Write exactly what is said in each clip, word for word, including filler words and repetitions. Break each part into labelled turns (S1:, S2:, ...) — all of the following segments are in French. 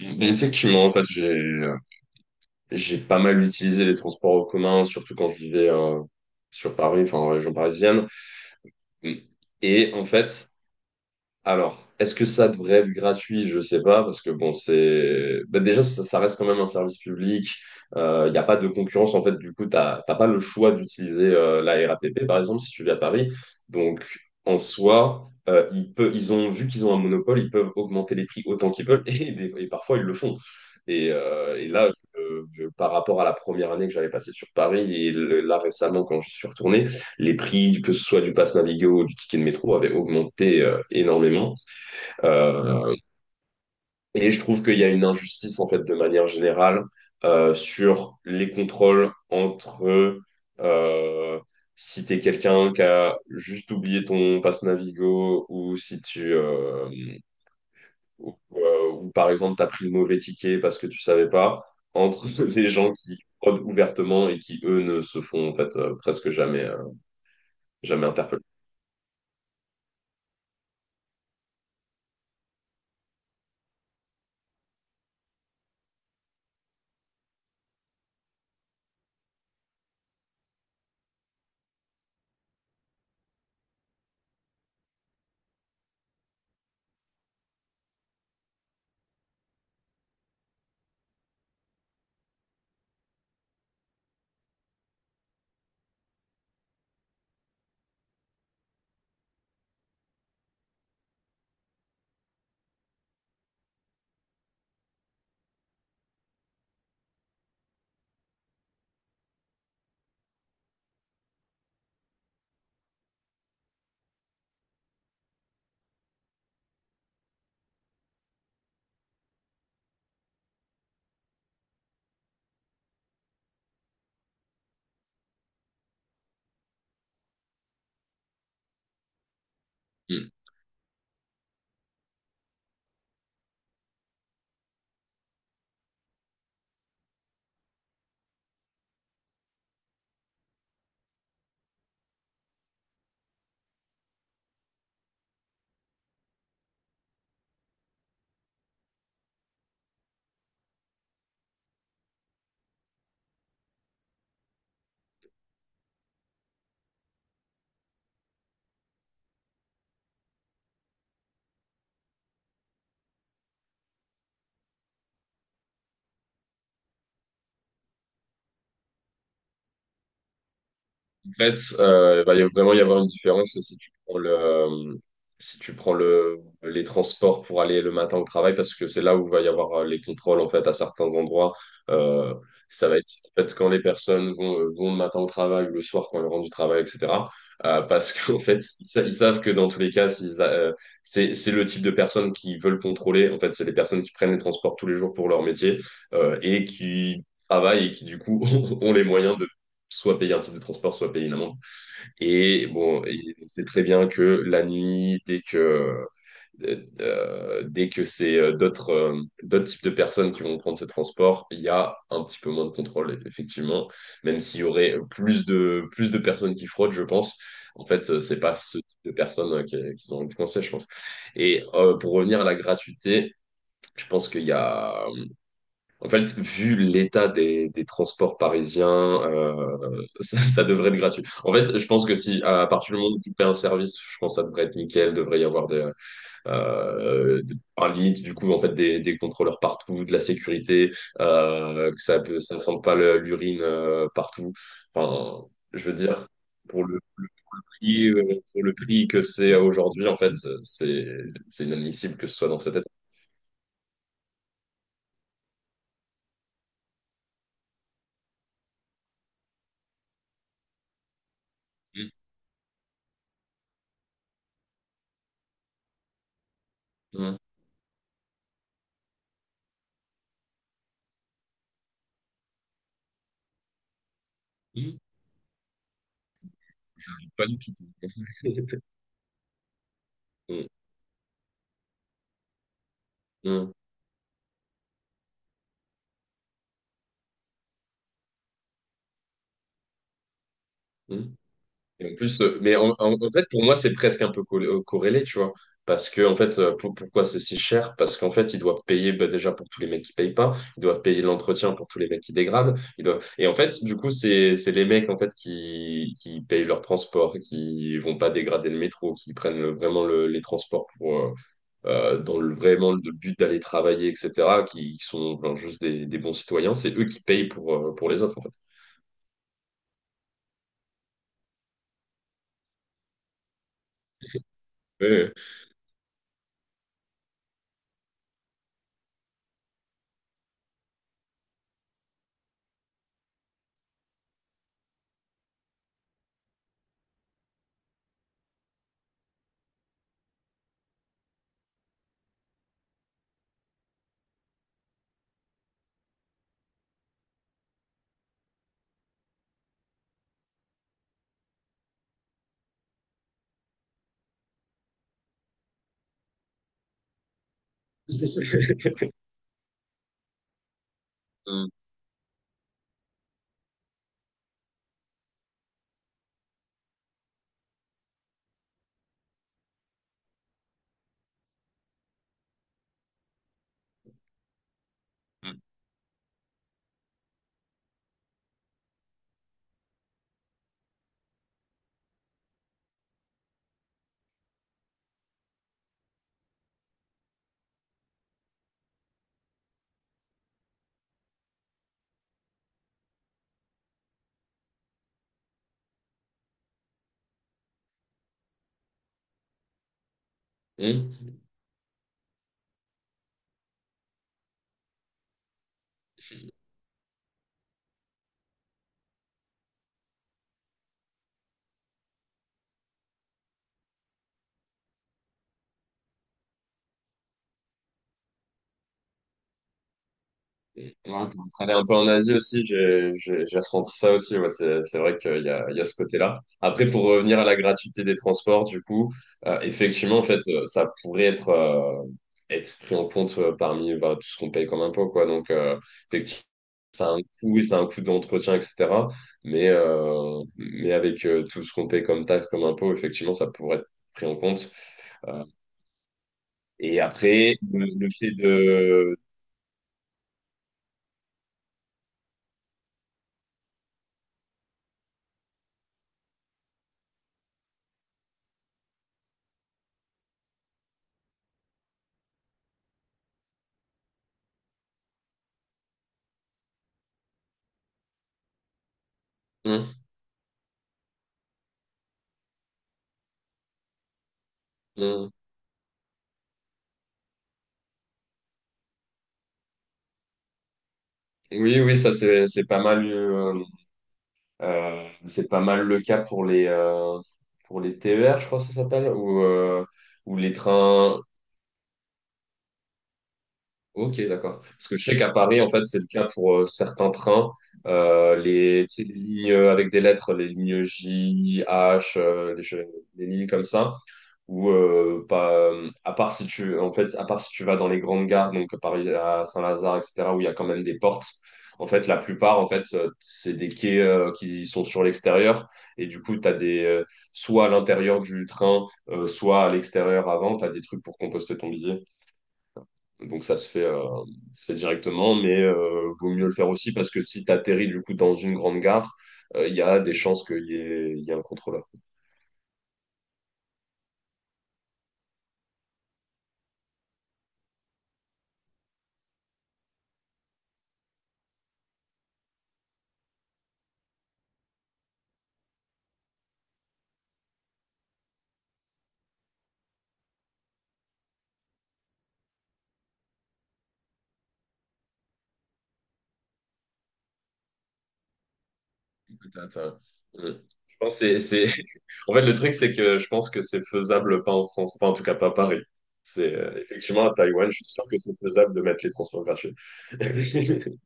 S1: Mais effectivement, en fait, j'ai j'ai pas mal utilisé les transports en commun, surtout quand je vivais euh, sur Paris, enfin en région parisienne. Et en fait, alors, est-ce que ça devrait être gratuit? Je sais pas, parce que bon, c'est ben déjà ça, ça reste quand même un service public. Il n'y a pas de concurrence en fait. Du coup, t'as t'as pas le choix d'utiliser euh, la R A T P par exemple si tu vis à Paris. Donc en soi, euh, ils peuvent, ils ont vu qu'ils ont un monopole, ils peuvent augmenter les prix autant qu'ils veulent et, des- et parfois ils le font. Et, euh, et là, je- je- par rapport à la première année que j'avais passée sur Paris et le- là récemment quand je suis retourné, les prix, que ce soit du pass Navigo ou du ticket de métro, avaient augmenté euh, énormément. Euh, et je trouve qu'il y a une injustice, en fait, de manière générale, euh, sur les contrôles entre. Euh, Si tu es quelqu'un qui a juste oublié ton pass Navigo ou si tu. Euh, Ou, euh, ou, par exemple, tu as pris le mauvais ticket parce que tu savais pas, entre des gens qui fraudent ouvertement et qui, eux, ne se font, en fait, euh, presque jamais, euh, jamais interpeller. Mm. En fait, euh, bah, il va y a- vraiment y avoir une différence si tu prends le, si tu prends le, les transports pour aller le matin au travail, parce que c'est là où il va y avoir euh, les contrôles en fait à certains endroits. Euh, Ça va être en fait quand les personnes vont, euh, vont le matin au travail ou le soir quand elles rentrent du travail, et cétéra. Euh, parce qu'en fait, ils, sa- ils savent que dans tous les cas, s'ils a- euh, c'est c'est le type de personnes qui veulent contrôler. En fait, c'est les personnes qui prennent les transports tous les jours pour leur métier euh, et qui travaillent et qui du coup ont les moyens soit payer un titre de transport, soit payer une amende. Et bon, et on sait très bien que la nuit, dès que, euh, euh, dès que c'est euh, d'autres euh, d'autres types de personnes qui vont prendre ce transport, il y a un petit peu moins de contrôle, effectivement. Même s'il y aurait plus de, plus de personnes qui fraudent, je pense. En fait, euh, c'est pas ce type de personnes euh, qui, qui ont envie de coincer, je pense. Et euh, pour revenir à la gratuité, je pense qu'il y a en fait, vu l'état des, des transports parisiens, euh, ça, ça devrait être gratuit. En fait, je pense que si à partir du moment où tu paies un service, je pense que ça devrait être nickel. Devrait y avoir des, euh, des- à la limite du coup en fait des, des contrôleurs partout, de la sécurité, euh, que ça peut, ça sente pas le- l'urine euh, partout. Enfin, je veux dire pour le, le prix, euh, pour le prix que c'est aujourd'hui, en fait, c'est c'est inadmissible que ce soit dans cet état. Mm, mm, mm. Pas du tout. Mmh, mmh. Et en plus, euh, mais en, en- en fait, pour moi, c'est presque un peu col- euh, corrélé, tu vois. Parce que, en fait, euh, pour- pourquoi c'est si cher? Parce qu'en fait, ils doivent payer bah, déjà pour tous les mecs qui payent pas, ils doivent payer l'entretien pour tous les mecs qui dégradent. Ils doivent... Et en fait, du coup, c'est c'est les mecs en fait qui, qui payent leur transport, qui vont pas dégrader le métro, qui prennent le- vraiment le- les transports pour euh, euh, dans le, vraiment le but d'aller travailler, et cétéra, qui, qui sont enfin, juste des, des bons citoyens. C'est eux qui payent pour, euh, pour les autres, en fait. Oui, oui. Mmh, mmh, mmh. Ouais, t'es en train d'aller un peu en Asie aussi, j'ai j'ai- j'ai ressenti ça aussi. Ouais, c'est c'est vrai qu'il y a, il y a ce côté-là. Après, pour revenir à la gratuité des transports, du coup, euh, effectivement, en fait, euh, ça pourrait être, euh, être pris en compte euh, parmi bah, tout ce qu'on paye comme impôt, quoi. Donc, euh, effectivement, ça a un coût, et ça a un coût d'entretien, et cétéra. Mais, euh, mais avec euh, tout ce qu'on paye comme taxe, comme impôt, effectivement, ça pourrait être pris en compte. Euh, et après, le, le fait de... Hum, hum. Oui, oui, ça c'est c'est pas mal euh, euh, c'est pas mal le cas pour les euh, pour les T E R, je crois que ça s'appelle, ou euh, ou les trains. Ok, d'accord. Parce que je sais qu'à Paris, en fait, c'est le cas pour euh, certains trains. Euh, les, tu sais, les lignes avec des lettres, les lignes J, H, euh, les, che- les lignes comme ça, où, euh, pas, euh, à part si tu, en fait, à part si tu vas dans les grandes gares, donc Paris à Saint-Lazare, et cétéra, où il y a quand même des portes, en fait, la plupart, en fait, euh, c'est des quais euh, qui sont sur l'extérieur. Et du coup, tu as des, euh, soit à l'intérieur du train, euh, soit à l'extérieur avant, tu as des trucs pour composter ton billet. Donc ça se fait, euh, ça se fait directement, mais euh, vaut mieux le faire aussi parce que si tu atterris du coup dans une grande gare, euh, il y a des chances qu'il y ait, il y ait un contrôleur. T'as- t'as- Mm. Je pense que c'est, c'est- En fait, le truc, c'est que je pense que c'est faisable pas en France, enfin en tout cas pas à Paris. C'est euh, effectivement à Taïwan, je suis sûr que c'est faisable de mettre les transports gratuits.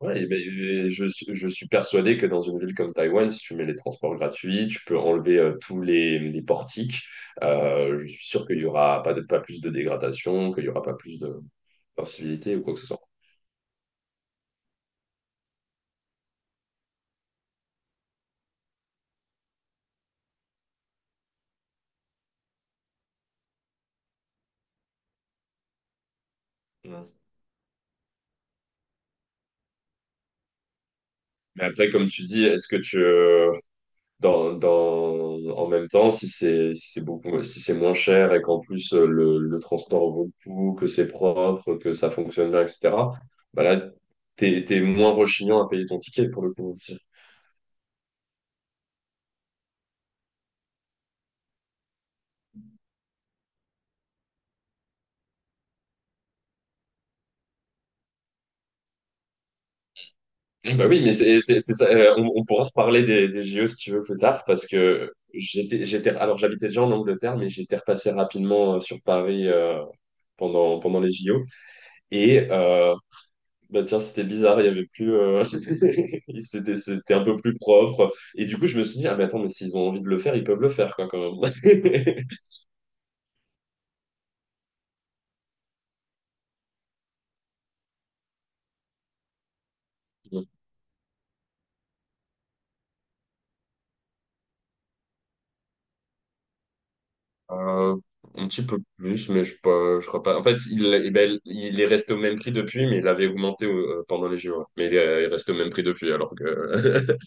S1: Ouais, et ben, et je, suis- je suis persuadé que dans une ville comme Taïwan, si tu mets les transports gratuits, tu peux enlever euh, tous les, les portiques. Euh, je suis sûr qu'il n'y aura pas, de- pas plus de dégradation, qu'il n'y aura pas plus de d'incivilité ou quoi que ce soit. Mm. Mais après, comme tu dis, est-ce que tu, euh, dans, dans, en même temps, si c'est si c'est beaucoup, si c'est moins cher et qu'en plus euh, le, le transport vaut le coup, que c'est propre, que ça fonctionne bien, et cétéra, bah là, t'es, t'es moins rechignant à payer ton ticket pour le coup. Eh ben oui, mais c'est, c'est, c'est ça. euh, on, on pourra reparler des, des J O si tu veux plus tard, parce que j'étais, j'étais, alors j'habitais déjà en Angleterre, mais j'étais repassé rapidement euh, sur Paris euh, pendant, pendant les J O. Et euh, bah tiens, c'était bizarre, il y avait plus, euh, c'était, c'était un peu plus propre. Et du coup, je me suis dit, ah mais attends, mais s'ils ont envie de le faire, ils peuvent le faire, quoi, quand même. Euh, un petit peu plus, mais je, pas, je crois pas. En fait, il, eh ben, il est resté au même prix depuis, mais il avait augmenté euh, pendant les J O. Mais il est, il est au même prix depuis, alors que...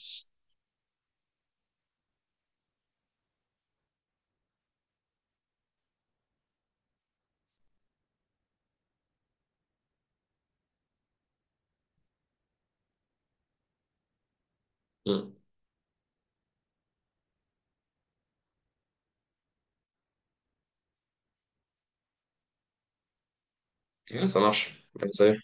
S1: Hmm. Ouais, ça marche. Ouais, ça y est.